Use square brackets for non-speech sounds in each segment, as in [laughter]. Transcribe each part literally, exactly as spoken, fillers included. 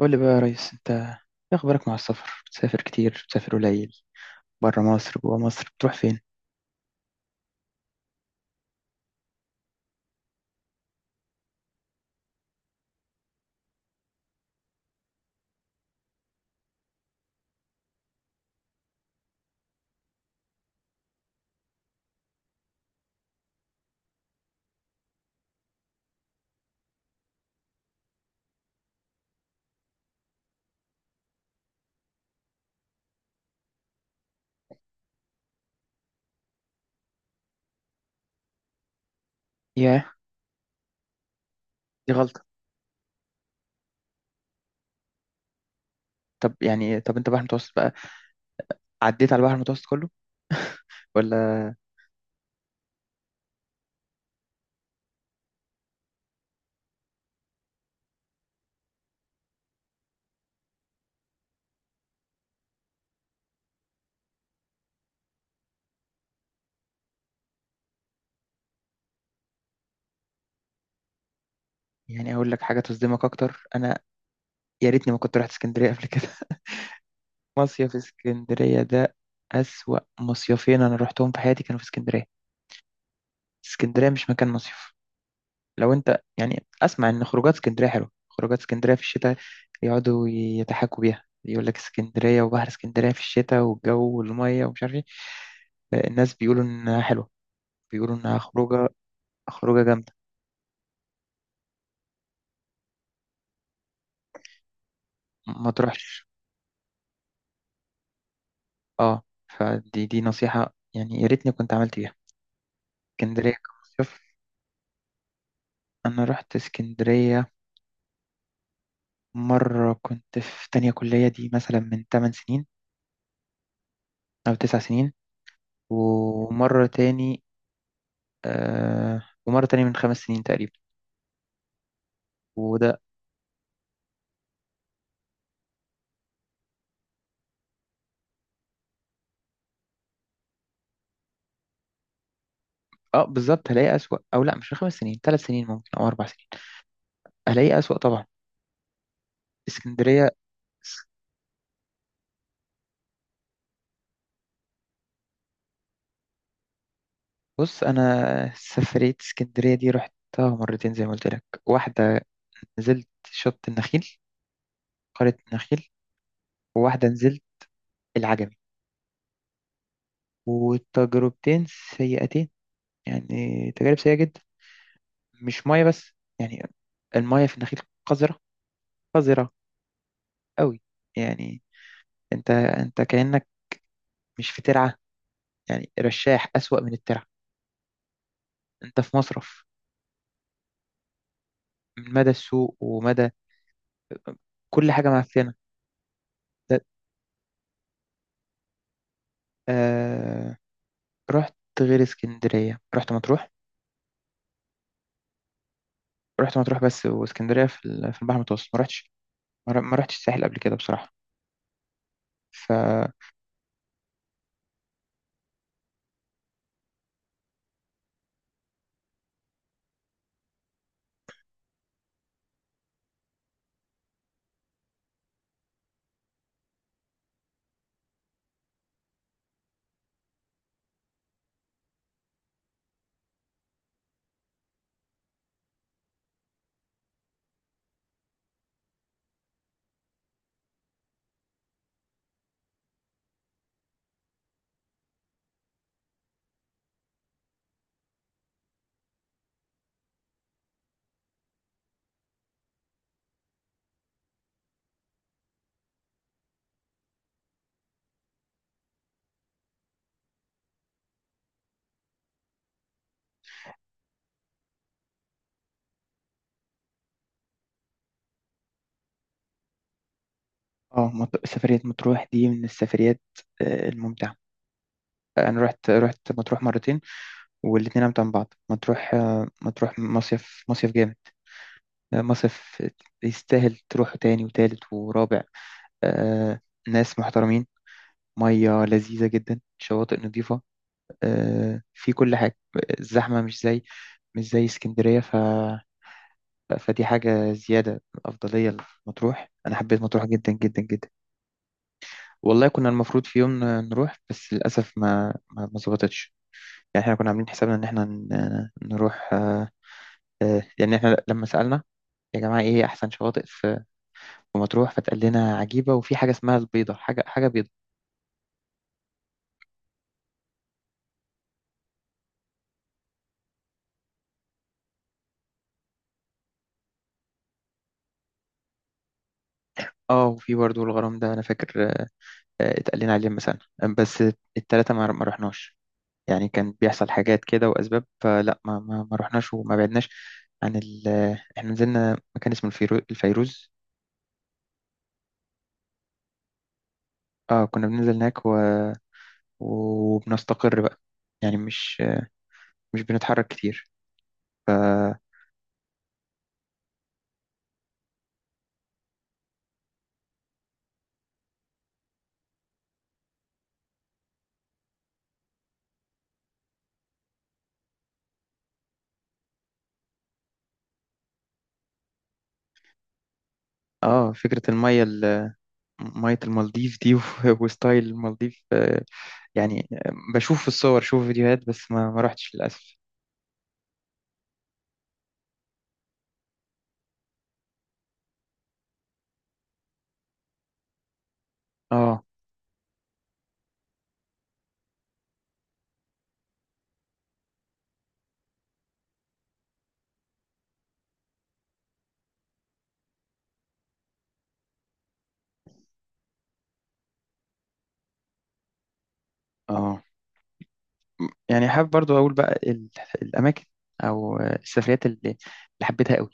قول لي بقى يا ريس، انت ايه اخبارك مع السفر؟ بتسافر كتير بتسافر قليل؟ بره مصر جوه مصر بتروح فين؟ ياه. دي غلطة. طب يعني إيه؟ طب انت بحر المتوسط بقى عديت على البحر المتوسط كله؟ [laughs] ولا يعني اقول لك حاجة تصدمك اكتر، انا يا ريتني ما كنت رحت اسكندرية قبل كده. [laughs] مصيف اسكندرية ده اسوأ مصيفين انا رحتهم في حياتي كانوا في اسكندرية. اسكندرية مش مكان مصيف. لو انت يعني اسمع ان خروجات اسكندريه حلوه، خروجات اسكندريه في الشتاء، يقعدوا يتحكوا بيها، يقول لك اسكندريه وبحر اسكندريه في الشتاء والجو والميه ومش عارف ايه. الناس بيقولوا انها حلوه، بيقولوا انها خروجه. خروجه جامده، ما تروحش. اه، فدي دي نصيحه يعني يا ريتني كنت عملت بيها. اسكندريه كمصيف، انا رحت اسكندريه مره كنت في تانية كليه دي مثلا من تمن سنين او تسع سنين. ومره تاني، آه ومره تاني من خمس سنين تقريبا. وده اه بالظبط هلاقي اسوأ، او لا مش خمس سنين، ثلاث سنين ممكن او اربع سنين. هلاقي اسوأ طبعا اسكندرية. بص انا سفرية اسكندرية دي رحتها مرتين زي ما قلت لك. واحدة نزلت شط النخيل، قرية النخيل، وواحدة نزلت العجمي. والتجربتين سيئتين، يعني تجارب سيئة جدا. مش مية بس، يعني المية في النخيل قذرة، قذرة قوي. يعني انت انت كأنك مش في ترعة، يعني رشاح أسوأ من الترعة، انت في مصرف من مدى السوق ومدى كل حاجة معفنة. ده- آه، رحت غير اسكندرية رحت مطروح. رحت مطروح، بس واسكندرية في ال- في البحر المتوسط ما رحتش. ما ر- ما رحتش الساحل قبل كده بصراحة. ف اه مط- سفرية مطروح دي من السفريات آه، الممتعة. انا رحت رحت مطروح مرتين والاتنين امتع من بعض. مطروح، آه، مطروح مصيف، مصيف جامد. آه، مصيف يستاهل تروح تاني وتالت ورابع. آه، ناس محترمين، مية لذيذة جدا، شواطئ نظيفة، آه، في كل حاجة. الزحمة مش زي مش زي اسكندرية، ف... فدي حاجة زيادة، أفضلية لمطروح. أنا حبيت مطروح جدا جدا جدا. والله كنا المفروض في يوم ن- نروح بس للأسف ما ما ما ظبطتش. يعني احنا كنا عاملين حسابنا إن احنا ن- نروح آه، آه، يعني احنا لما سألنا يا جماعة إيه أحسن شواطئ في في مطروح، فتقال لنا عجيبة وفي حاجة اسمها البيضة، حاجة حاجة بيضة. اه، وفي برضه الغرام ده أنا فاكر آه، اتقال لنا عليه مثلا. بس التلاتة ما ما رحناش، يعني كان بيحصل حاجات كده وأسباب، فلا ما ما, ما رحناش وما بعدناش عن ال احنا نزلنا مكان اسمه الفيرو... الفيروز. اه كنا بننزل هناك و... وبنستقر بقى، يعني مش مش بنتحرك كتير. ف اه، فكرة المية ال- مية المالديف دي و- [laughs] وستايل المالديف، آه، يعني بشوف في الصور، شوف فيديوهات، بس ما ما رحتش للأسف. اه، اه، يعني حابب برضو أقول بقى ال- الأماكن أو السفريات اللي اللي حبيتها.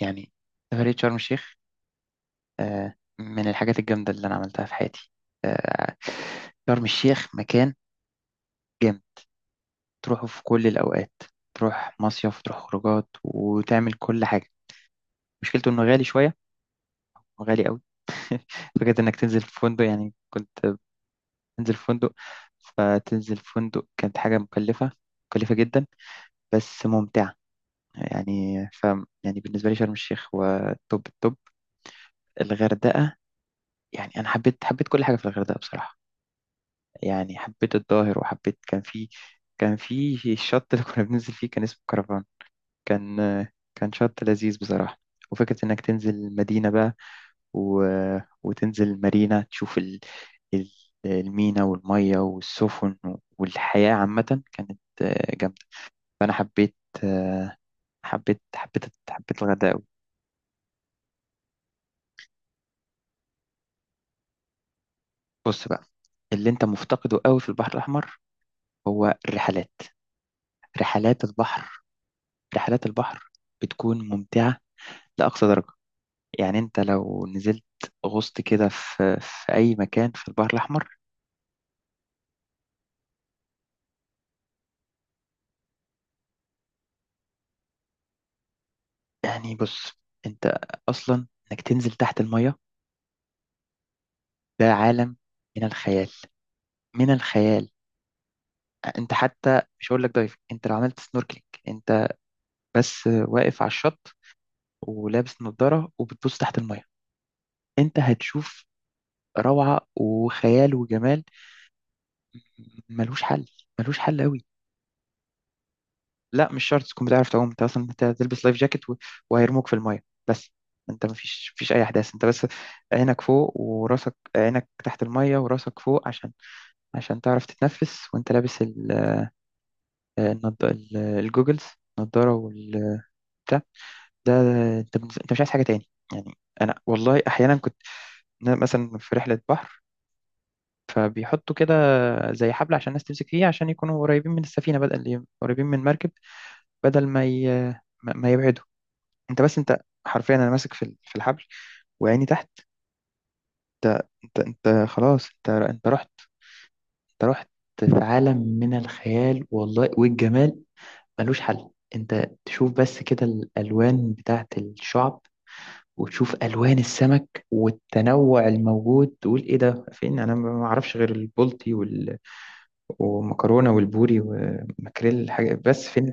يعني سفرية شرم الشيخ، آه، من الحاجات الجامدة اللي أنا عملتها في حياتي. شرم الشيخ مكان جامد، تروحه في كل الأوقات. تروح مصيف، تروح خروجات، وتعمل كل حاجة. مشكلته إنه غالي شوية، غالي قوي. [laughs] فكرة إنك تنزل في فندق، يعني كنت بنزل في فندق، فتنزل في فندق كانت حاجة مكلفة، مكلفة جدا بس ممتعة. يعني ف يعني بالنسبة لي شرم الشيخ هو توب التوب. الغردقة، يعني أنا حبيت حبيت كل حاجة في الغردقة بصراحة. يعني حبيت الظاهر، وحبيت كان في كان في الشط اللي كنا بننزل فيه كان اسمه كرفان. كان كان شط لذيذ بصراحة. وفكرة إنك تنزل مدينة بقى و... وتنزل مارينا، تشوف ال... ال- المينا والمية والسفن والحياة عامة كانت آه، جامدة. فأنا حبيت، آه، حبيت حبيت حبيت الغردقة أوي. بص بقى، اللي أنت مفتقده أوي في البحر الأحمر هو الرحلات، رحلات البحر. رحلات البحر بتكون ممتعة لأقصى درجة. يعني انت لو نزلت، غصت كده في في اي مكان في البحر الاحمر. يعني بص، انت اصلا انك تنزل تحت المية ده عالم من الخيال، من الخيال انت حتى مش هقول لك دايف، انت لو عملت سنوركلينج انت بس واقف على الشط ولابس نظارة وبتبص تحت المية، انت هتشوف روعة وخيال وجمال ملوش حل، ملوش حل قوي. لا مش شرط تكون بتعرف تعوم، انت اصلا انت هتلبس لايف جاكيت و- وهيرموك في المايه بس. انت مفيش مفيش اي احداث. انت بس عينك فوق وراسك، عينك تحت المايه وراسك فوق عشان عشان تعرف تتنفس، وانت لابس ال- النض- ال- الجوجلز، النضاره والبتاع. ده انت بالنسبة- انت مش عايز حاجه تاني يعني. انا والله احيانا كنت، ن- مثلا في رحله بحر، فبيحطوا كده زي حبل عشان الناس تمسك فيه عشان يكونوا قريبين من السفينه، بدل قريبين من المركب، بدل ما ي... ما ما يبعدوا. انت بس انت حرفيا انا ماسك في ال- في الحبل وعيني تحت. انت انت انت خلاص، انت انت رحت، انت رحت في عالم من الخيال والله والجمال، ملوش حل. انت تشوف بس كده الالوان بتاعت الشعب، وتشوف الوان السمك والتنوع الموجود، تقول ايه ده، فين، انا ما اعرفش غير البلطي وال... والمكرونه والبوري وماكريل حاجه، بس فين؟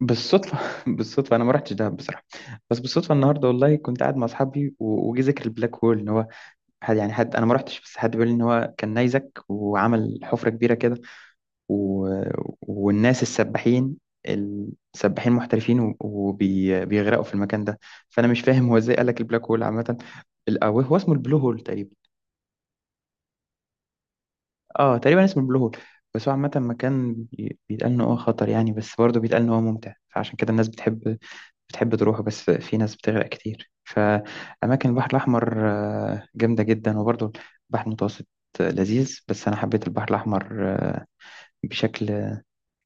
بالصدفة [laughs] بالصدفة، أنا ما رحتش دهب بصراحة. بس بالصدفة النهاردة والله كنت قاعد مع أصحابي و- وجي ذكر البلاك هول، إن هو حد يعني حد، أنا ما رحتش بس حد بيقول لي إن هو كان نيزك وعمل حفرة كبيرة كده و... والناس السباحين، السباحين محترفين وبيغرقوا في المكان ده. فأنا مش فاهم هو إزاي قال لك البلاك هول، عامة ال- أو هو اسمه البلو هول تقريبا. أه تقريبا اسمه البلو هول. بس هو عامة مكان بي- بيتقال إن هو خطر، يعني بس برضه بيتقال إن هو ممتع، فعشان كده الناس بتحب بتحب تروحه. بس في ناس بتغرق كتير. فأماكن البحر الأحمر آه، جامدة جدا. وبرضه البحر المتوسط آه، لذيذ، بس أنا حبيت البحر الأحمر، آه، بشكل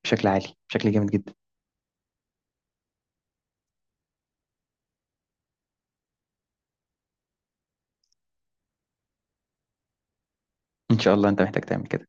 بشكل عالي، بشكل جامد جدا. إن شاء الله. أنت محتاج تعمل كده.